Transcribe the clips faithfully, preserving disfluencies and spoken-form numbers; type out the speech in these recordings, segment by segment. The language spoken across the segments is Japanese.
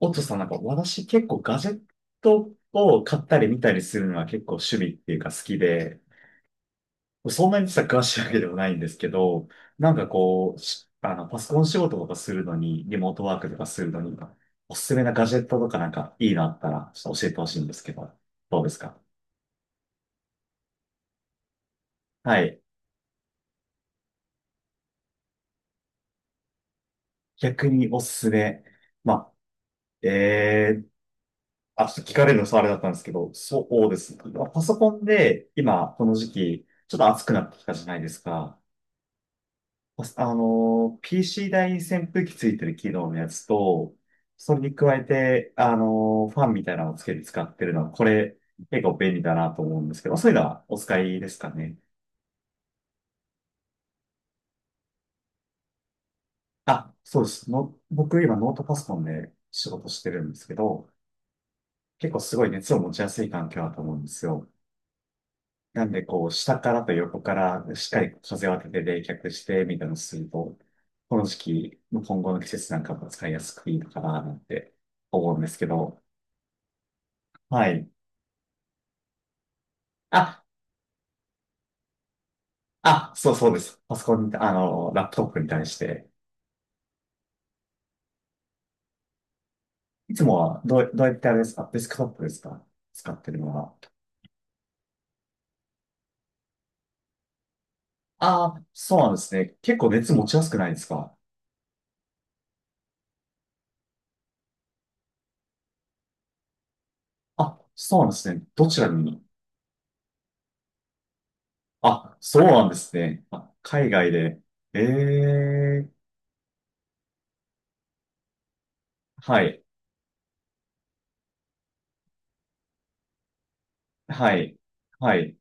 おとさんなんか私結構ガジェットを買ったり見たりするのは結構趣味っていうか好きで、そんなに実は詳しいわけではないんですけど、なんかこう、しあの、パソコン仕事とかするのに、リモートワークとかするのに、おすすめなガジェットとかなんかいいのあったらちょっと教えてほしいんですけど、どうですか？はい。逆におすすめ。まあ、えー、あ、ちょっと聞かれるのそあれだったんですけど、そうです。まあパソコンで今この時期、ちょっと暑くなってきたじゃないですか。まあの、ピーシー 台に扇風機ついてる機能のやつと、それに加えて、あの、ファンみたいなのをつけて使ってるのは、これ、結構便利だなと思うんですけど、そういうのはお使いですかね。あ、そうです。の、僕今ノートパソコンで仕事してるんですけど、結構すごい熱を持ちやすい環境だと思うんですよ。なんで、こう、下からと横からしっかり風を当てて冷却して、みたいなのをすると、この時期、今後の季節なんかも使いやすくいいのかな、なんて思うんですけど、はい。あ、あ、そうそうです。パソコンに、あの、ラップトップに対して。いつもは、どう、どうやってあれですか？デスクトップですか？使ってるのは。ああ、そうなんですね。結構熱持ちやすくないですか？あ、そうなんですね。どちらに？あ、そうなんですね。あ、海外で。ええ、はい、はい、はい。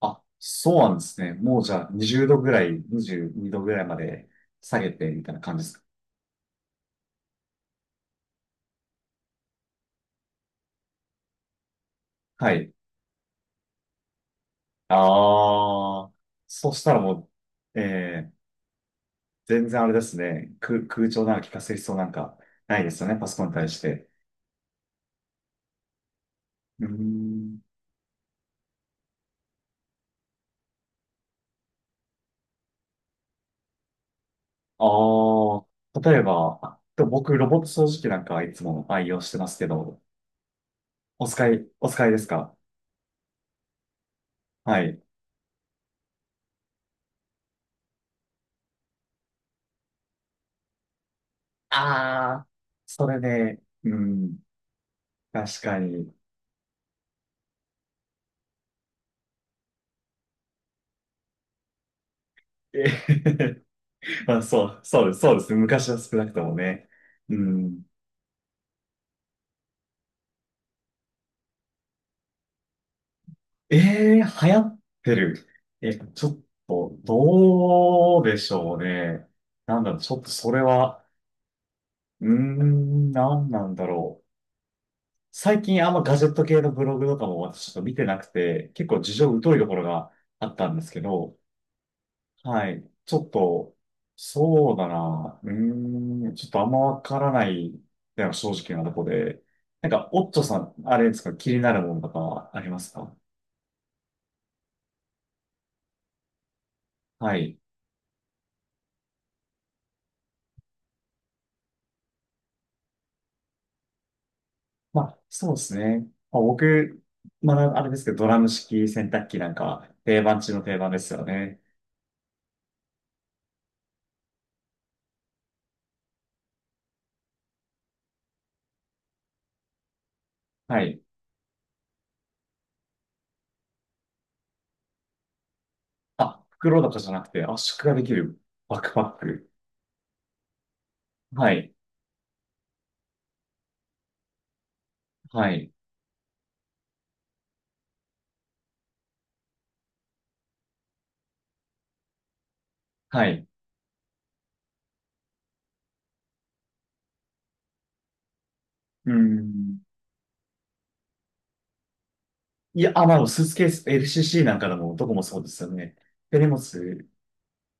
あ、そうなんですね。もうじゃあにじゅうどぐらい、にじゅうにどぐらいまで下げてみたいな感じですか？はい。ああ、そしたらもう、えー、全然あれですね。空、空調なんか聞かせる必要なんかないですよね、パソコンに対して。うーん。ああ、例えば、あでも僕、ロボット掃除機なんかいつも愛用してますけど、お使い、お使いですか？はい。ああ、それね、うん、確かに。えへへへまあ、そう、そうです、そうですね。昔は少なくともね。うん。ええー、流行ってる。えっと、ちょっと、どうでしょうね。なんだろう、ちょっとそれは、うーん、なんなんだろう。最近あんまガジェット系のブログとかも私ちょっと見てなくて、結構事情疎いところがあったんですけど、はい。ちょっと、そうだな。うーん、ちょっとあんまわからないっていうのが正直なとこで。なんか、オッチョさん、あれですか、気になるものとかはありますか？はい。まあ、そうですね。まあ、僕、まあ、あれですけど、ドラム式洗濯機なんかは定番中の定番ですよね。はい。あ、袋とかじゃなくて圧縮ができるバックパック。はい。はい。はい。うん。いや、あ、まあ、スーツケース、エルシーシー なんかでもどこもそうですよね。手荷物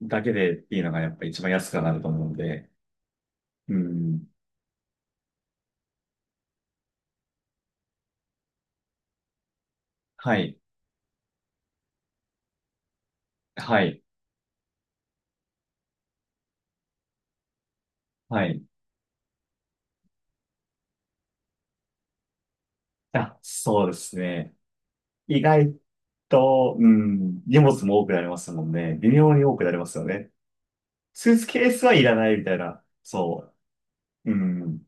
だけでっていうのがやっぱ一番安くはなると思うんで。うん。はい。はい。はい。あ、そうですね。意外と、うん、荷物も多くなりますもんね。微妙に多くなりますよね。スーツケースはいらないみたいな。そう。うん。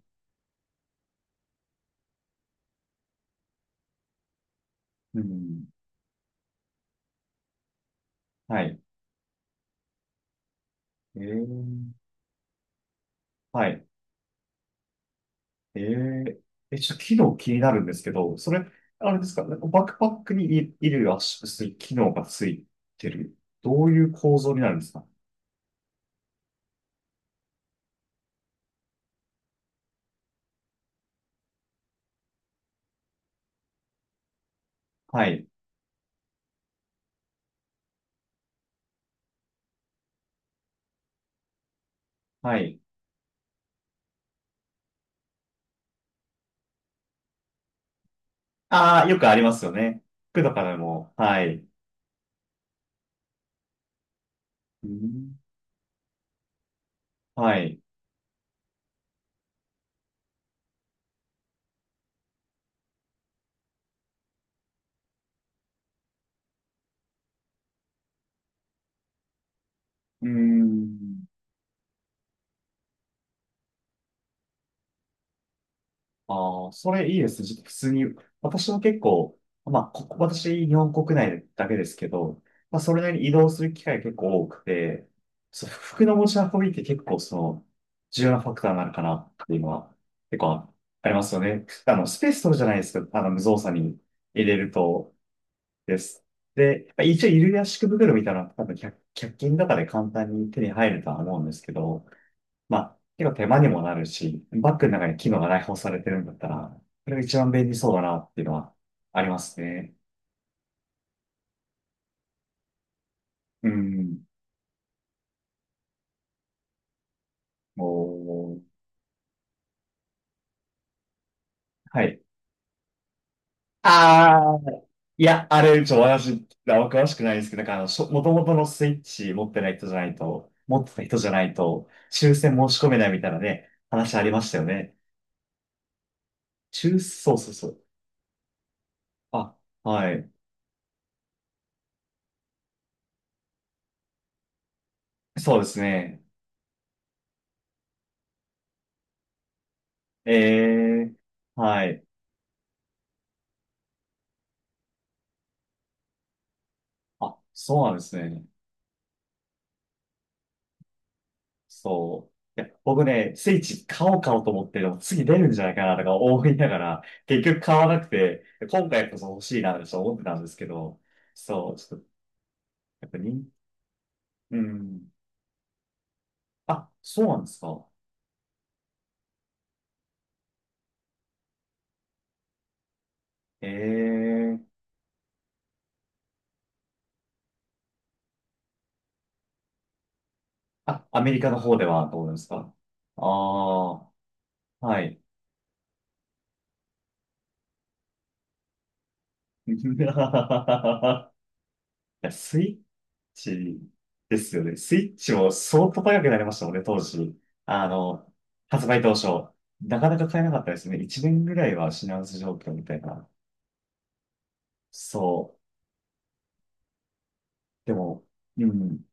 うん。はい。えー、はい。えー、え、ちょっと機能気になるんですけど、それ、あれですか、なんかバックパックにい衣圧縮する機能がついてる。どういう構造になるんですか？はい。はい。ああ、よくありますよね。服とかでも。はい。うん、はい。うん。ああ、それいいですね。ちょっと普通に、私も結構、まあ、ここ、私、日本国内だけですけど、まあ、それなりに移動する機会結構多くて、そう、服の持ち運びって結構、その、重要なファクターになるかなっていうのは、結構ありますよね。あの、スペース取るじゃないですか。あの、無造作に入れると、です。で、まあ一応、衣類圧縮袋みたいなのは、多分の中均とかで簡単に手に入るとは思うんですけど、まあ、結構手間にもなるし、バッグの中に機能が内包されてるんだったら、それが一番便利そうだなっていうのはありますね。うん。もう、はい。ああ、いや、あれ、ちょ、私、あんま詳しくないですけど、なんかあの、しょ、元々のスイッチ持ってない人じゃないと、持ってた人じゃないと、抽選申し込めないみたいなね、話ありましたよね。抽、そうそうそう。あ、はい。そうですね。ええ、はい。あ、そうなんですね。そう。いや、僕ね、スイッチ買おう買おうと思ってでも次出るんじゃないかなとか思いながら、結局買わなくて、今回こそ欲しいなとちょっと思ってたんですけど、そう、ちょっと、やっぱり、うん。あ、そうなんですか。ええあ、アメリカの方ではどうですか？ああー、はい。いや、スイチですよね。スイッチも相当高くなりましたもんね、当時。あの、発売当初。なかなか買えなかったですね。いちねんぐらいは品薄状況みたいな。そう。でも、うん。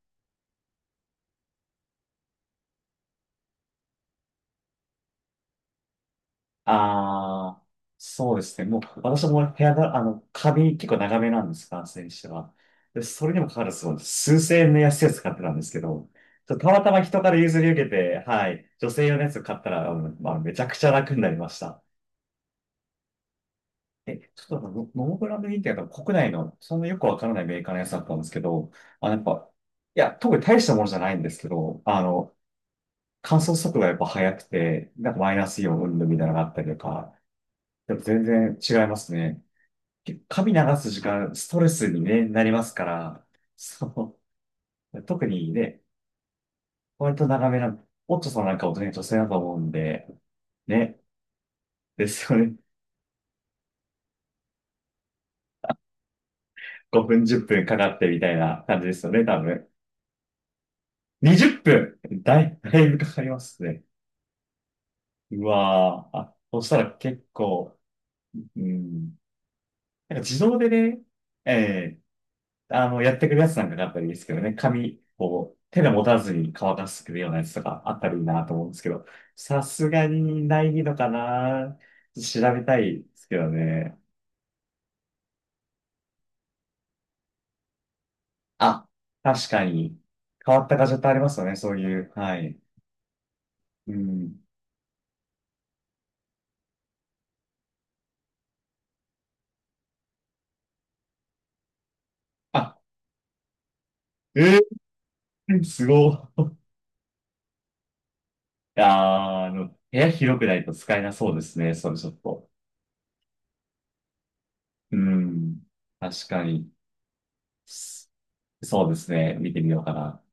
ああ、そうですね。もう、私も部屋が、あの、髪結構長めなんです、男性にしては。で、それにもかかわらず、数千円の安いやつ買ってたんですけど、ちょっとたまたま人から譲り受けて、はい、女性用のやつ買ったら、うんまあ、めちゃくちゃ楽になりました。え、ちょっとあの、モモブランドンってやっぱ国内の、そんなよくわからないメーカーのやつだったんですけど、あやっぱ、いや、特に大したものじゃないんですけど、あの、乾燥速度がやっぱ速くて、なんかマイナスイオン云々みたいなのがあったりとか、やっぱ全然違いますね。結構髪流す時間、ストレスに、ね、なりますから、そう、特にね、割と長めな、オットさんなんかをね、女性だと思うんで、ね、ですよね。ごふん、じゅっぷんかかってみたいな感じですよね、多分。にじゅっぷんだい、だいぶかかりますね。うわーあ、そしたら結構、うん。なんか自動でね、ええあの、やってくるやつなんかがあったりですけどね、髪を手で持たずに乾かしてくれるようなやつとかあったらいいなと思うんですけど、さすがにないのかな？調べたいですけどね。あ、確かに、変わったガジェットありますよね、そういう。はい。うん。あ、ええ、すごい。あーあの、部屋広くないと使えなそうですね。それちょっと。うん。確かに。s- そうですね。見てみようかな。